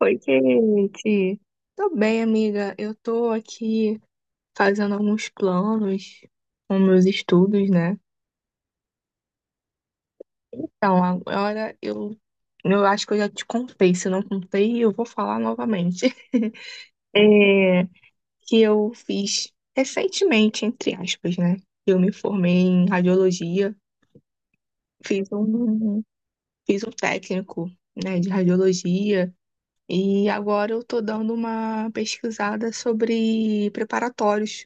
Oi, Kate. Tô bem, amiga. Eu tô aqui fazendo alguns planos com meus estudos, né? Então, agora eu acho que eu já te contei. Se eu não contei, eu vou falar novamente. É, que eu fiz recentemente, entre aspas, né? Eu me formei em radiologia, fiz um, fiz um técnico, né, de radiologia, e agora eu tô dando uma pesquisada sobre preparatórios,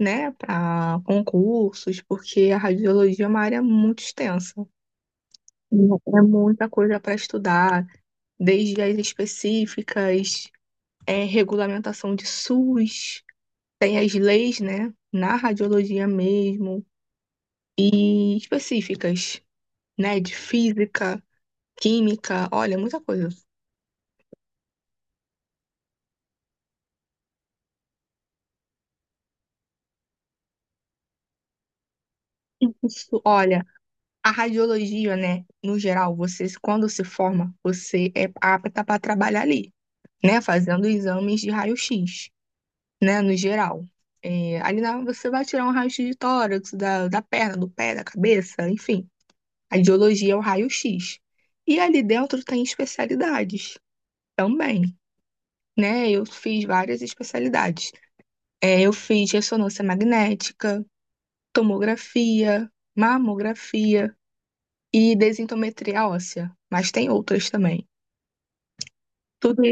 né, para concursos, porque a radiologia é uma área muito extensa. É muita coisa para estudar, desde as específicas, regulamentação de SUS, tem as leis, né, na radiologia mesmo, e específicas, né, de física, química, olha, muita coisa. Isso, olha, a radiologia, né, no geral, você, quando se forma, você é apta para trabalhar ali, né, fazendo exames de raio-x, né, no geral. Você vai tirar um raio-x de tórax, da perna, do pé, da cabeça, enfim. A ideologia é o raio-x. E ali dentro tem especialidades também, né? Eu fiz várias especialidades. Eu fiz ressonância magnética, tomografia, mamografia e densitometria óssea, mas tem outras também. Tudo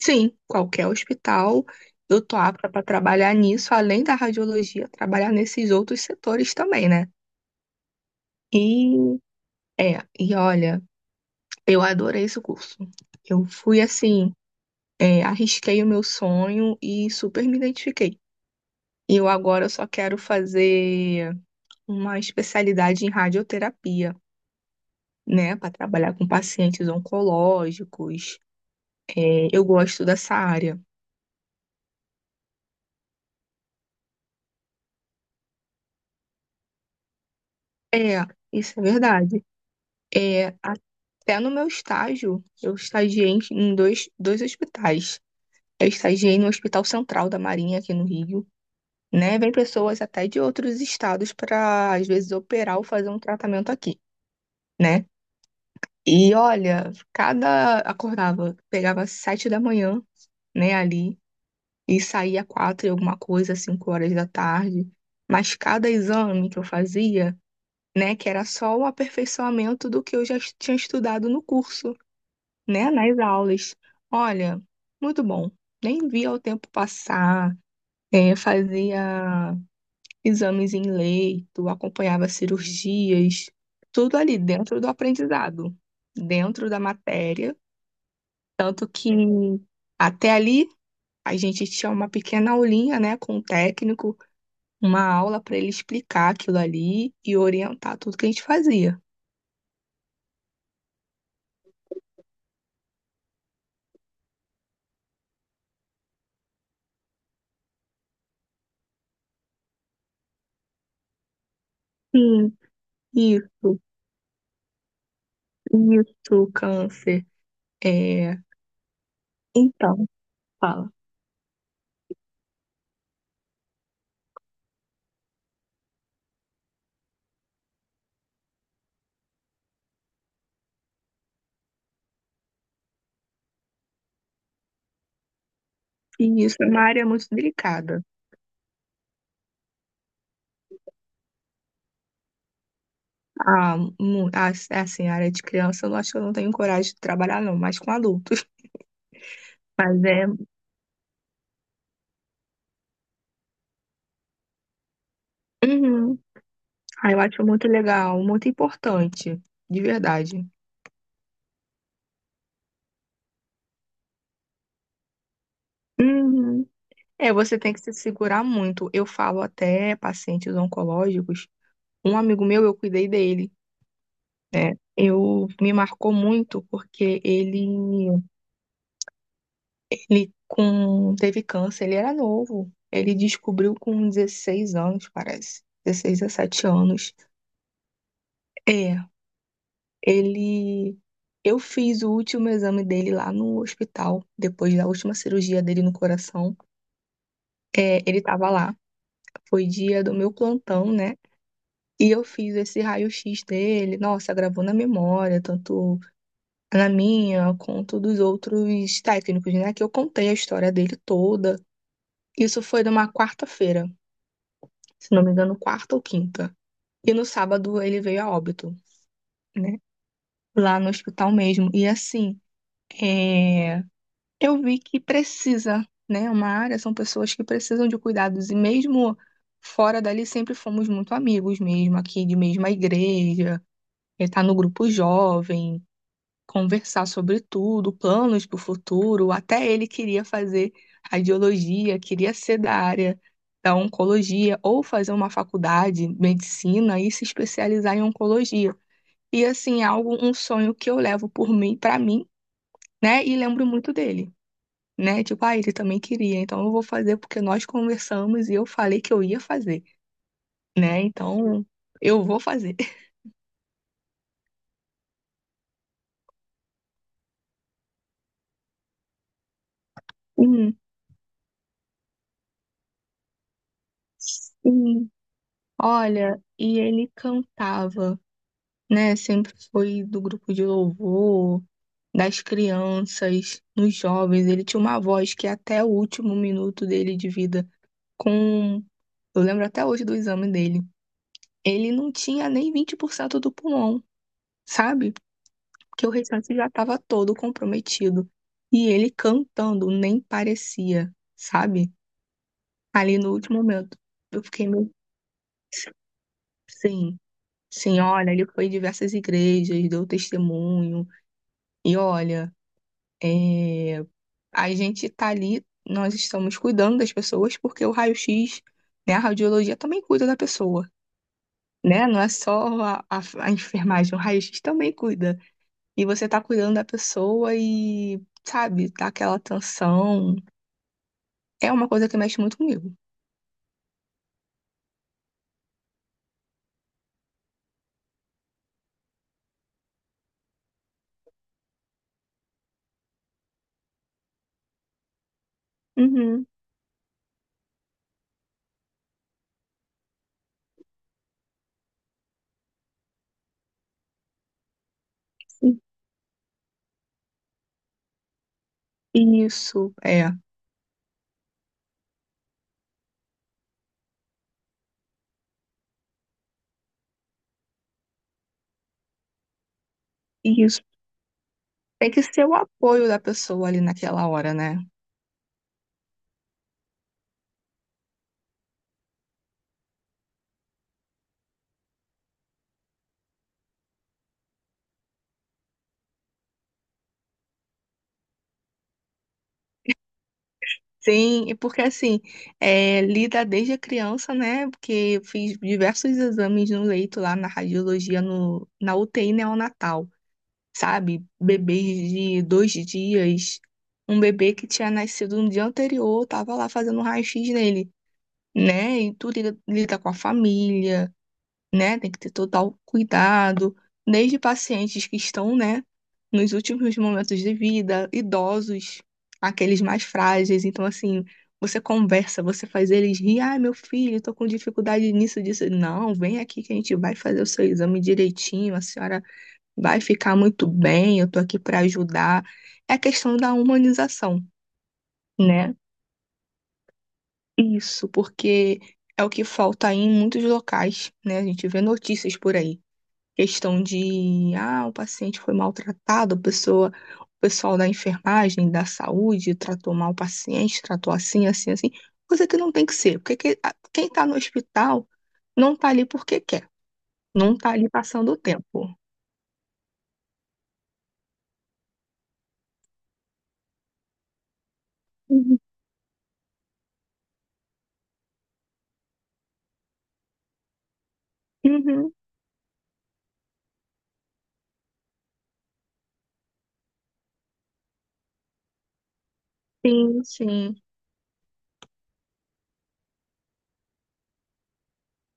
Sim, qualquer hospital, eu tô apta para trabalhar nisso, além da radiologia, trabalhar nesses outros setores também, né? E e olha, eu adorei esse curso. Eu fui assim, arrisquei o meu sonho e super me identifiquei. E eu agora só quero fazer uma especialidade em radioterapia, né, para trabalhar com pacientes oncológicos. Eu gosto dessa área. É, isso é verdade. Até no meu estágio, eu estagiei em dois hospitais. Eu estagiei no Hospital Central da Marinha, aqui no Rio, né? Vem pessoas até de outros estados para, às vezes, operar ou fazer um tratamento aqui, né? E olha, cada acordava, pegava 7 da manhã, né, ali, e saía 4 e alguma coisa, 5 horas da tarde. Mas cada exame que eu fazia, né, que era só o aperfeiçoamento do que eu já tinha estudado no curso, né, nas aulas. Olha, muito bom. Nem via o tempo passar, fazia exames em leito, acompanhava cirurgias, tudo ali dentro do aprendizado, dentro da matéria. Tanto que até ali a gente tinha uma pequena aulinha, né, com o técnico, uma aula para ele explicar aquilo ali e orientar tudo que a gente fazia. Sim, isso, isso, câncer. É, então, fala. E isso é uma área muito delicada. A, mu- a- assim, a área de criança, eu não acho que eu não tenho coragem de trabalhar, não, mas com adultos. Mas é. Uhum. Ah, eu acho muito legal, muito importante, de verdade. Uhum. Você tem que se segurar muito. Eu falo até pacientes oncológicos. Um amigo meu, eu cuidei dele, né? Eu me marcou muito porque ele teve câncer, ele era novo. Ele descobriu com 16 anos, parece. 16, 17 anos. É, Ele. Eu fiz o último exame dele lá no hospital, depois da última cirurgia dele no coração. Ele estava lá, foi dia do meu plantão, né? E eu fiz esse raio-x dele. Nossa, gravou na memória, tanto na minha quanto dos outros técnicos, né? Que eu contei a história dele toda. Isso foi numa quarta-feira, se não me engano, quarta ou quinta. E no sábado ele veio a óbito, né? Lá no hospital mesmo. E assim, é, eu vi que precisa, né? É uma área, são pessoas que precisam de cuidados. E mesmo fora dali, sempre fomos muito amigos mesmo, aqui de mesma igreja, tá no grupo jovem conversar sobre tudo, planos para o futuro. Até ele queria fazer radiologia, queria ser da área da oncologia ou fazer uma faculdade, medicina e se especializar em oncologia. E assim, é algo, um sonho que eu levo por mim, para mim, né? E lembro muito dele, né? Tipo, ah, ele também queria, então eu vou fazer porque nós conversamos e eu falei que eu ia fazer, né? Então, eu vou fazer. Hum, sim. Olha, e ele cantava, né? Sempre foi do grupo de louvor, das crianças, nos jovens. Ele tinha uma voz que até o último minuto dele de vida, com, eu lembro até hoje do exame dele, ele não tinha nem 20% do pulmão, sabe? Porque o restante já estava todo comprometido. E ele cantando nem parecia, sabe? Ali no último momento, eu fiquei meio. Sim, sim, olha, ele foi em diversas igrejas, deu testemunho, e olha, é, a gente tá ali, nós estamos cuidando das pessoas porque o raio-x, né, a radiologia também cuida da pessoa, né? Não é só a enfermagem, o raio-x também cuida. E você tá cuidando da pessoa e, sabe, tá aquela atenção. É uma coisa que mexe muito comigo. Uhum, sim. Isso, isso. Tem que ser o apoio da pessoa ali naquela hora, né? Sim, e porque assim, lida desde a criança, né? Porque eu fiz diversos exames no leito lá na radiologia, no, na UTI neonatal, sabe? Bebês de 2 dias, um bebê que tinha nascido no dia anterior, tava lá fazendo um raio-x nele, né? E tu lida com a família, né? Tem que ter total cuidado, desde pacientes que estão, né, nos últimos momentos de vida, idosos, aqueles mais frágeis. Então, assim, você conversa, você faz eles rir. Ah, meu filho, tô com dificuldade nisso, disso. Não, vem aqui que a gente vai fazer o seu exame direitinho, a senhora vai ficar muito bem, eu tô aqui para ajudar. É a questão da humanização, né? Isso, porque é o que falta aí em muitos locais, né? A gente vê notícias por aí questão de, ah, o paciente foi maltratado, a pessoa, o pessoal da enfermagem, da saúde, tratou mal o paciente, tratou assim, assim, assim, coisa que não tem que ser, porque quem está no hospital não está ali porque quer, não está ali passando o tempo. Uhum. Uhum. Sim, sim.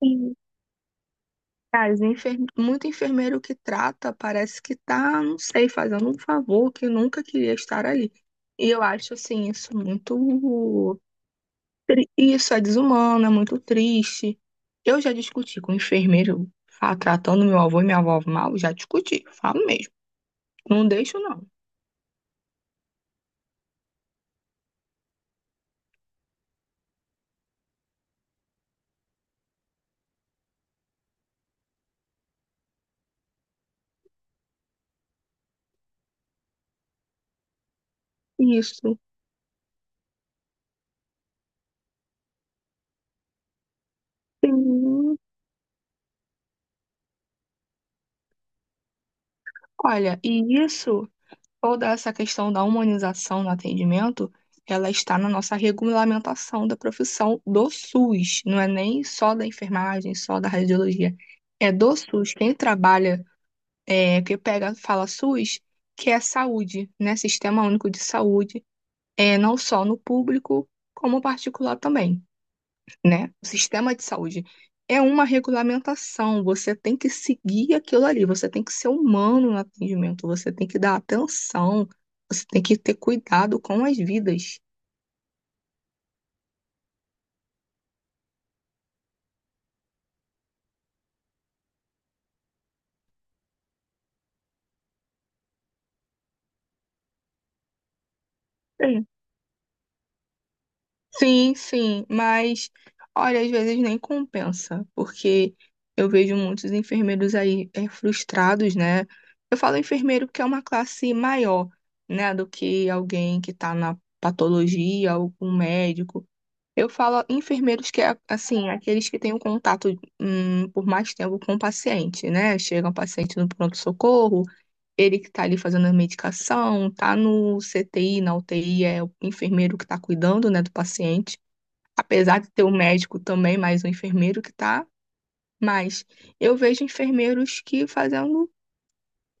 Sim. Muito enfermeiro que trata parece que tá, não sei, fazendo um favor que nunca queria estar ali. E eu acho, assim, isso é desumano, é muito triste. Eu já discuti com o enfermeiro tratando meu avô e minha avó mal, já discuti, falo mesmo. Não deixo, não. Isso. Sim. Olha, e isso, toda essa questão da humanização no atendimento, ela está na nossa regulamentação da profissão do SUS, não é nem só da enfermagem, só da radiologia. É do SUS. Quem trabalha, que pega, fala SUS, que é saúde, né? Sistema Único de Saúde é, não só no público, como particular também, né? O sistema de saúde é uma regulamentação, você tem que seguir aquilo ali, você tem que ser humano no atendimento, você tem que dar atenção, você tem que ter cuidado com as vidas. É, Sim, sim, mas olha, às vezes nem compensa, porque eu vejo muitos enfermeiros aí frustrados, né? Eu falo enfermeiro porque é uma classe maior, né, do que alguém que tá na patologia ou com um médico. Eu falo enfermeiros que assim, aqueles que têm um contato por mais tempo com o paciente, né? Chega um paciente no pronto-socorro, ele que tá ali fazendo a medicação, tá no CTI, na UTI, é o enfermeiro que tá cuidando, né, do paciente apesar de ter um médico também, mais um enfermeiro que tá, mas eu vejo enfermeiros que fazendo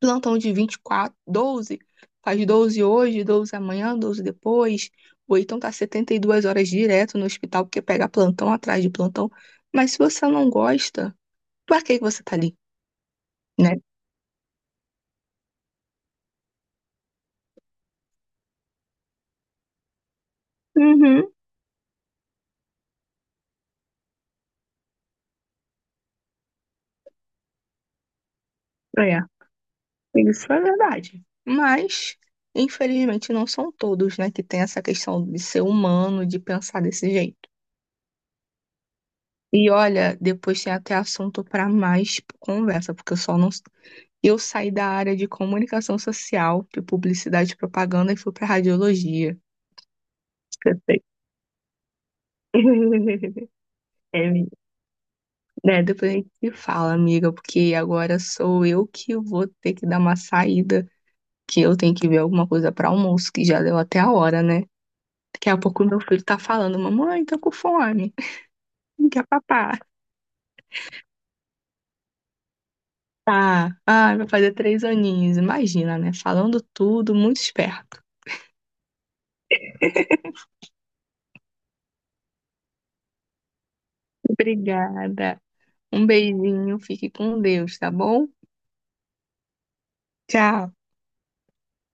plantão de 24 12 faz 12 hoje, 12 amanhã, 12 depois, ou então tá 72 horas direto no hospital, porque pega plantão atrás de plantão. Mas se você não gosta, pra que que você tá ali, né? Uhum, é, isso é verdade. Mas, infelizmente, não são todos, né, que tem essa questão de ser humano, de pensar desse jeito. E olha, depois tem até assunto para mais conversa, porque eu só não. Eu saí da área de comunicação social, de publicidade e propaganda, e fui para radiologia. Eu sei. Amiga, né, depois a gente se fala, amiga, porque agora sou eu que vou ter que dar uma saída, que eu tenho que ver alguma coisa para almoço, que já deu até a hora, né? Daqui a pouco meu filho tá falando, mamãe, tô com fome, quer papá. Tá, ah, vai fazer 3 aninhos, imagina, né? Falando tudo, muito esperto. Obrigada. Um beijinho, fique com Deus, tá bom? Tchau.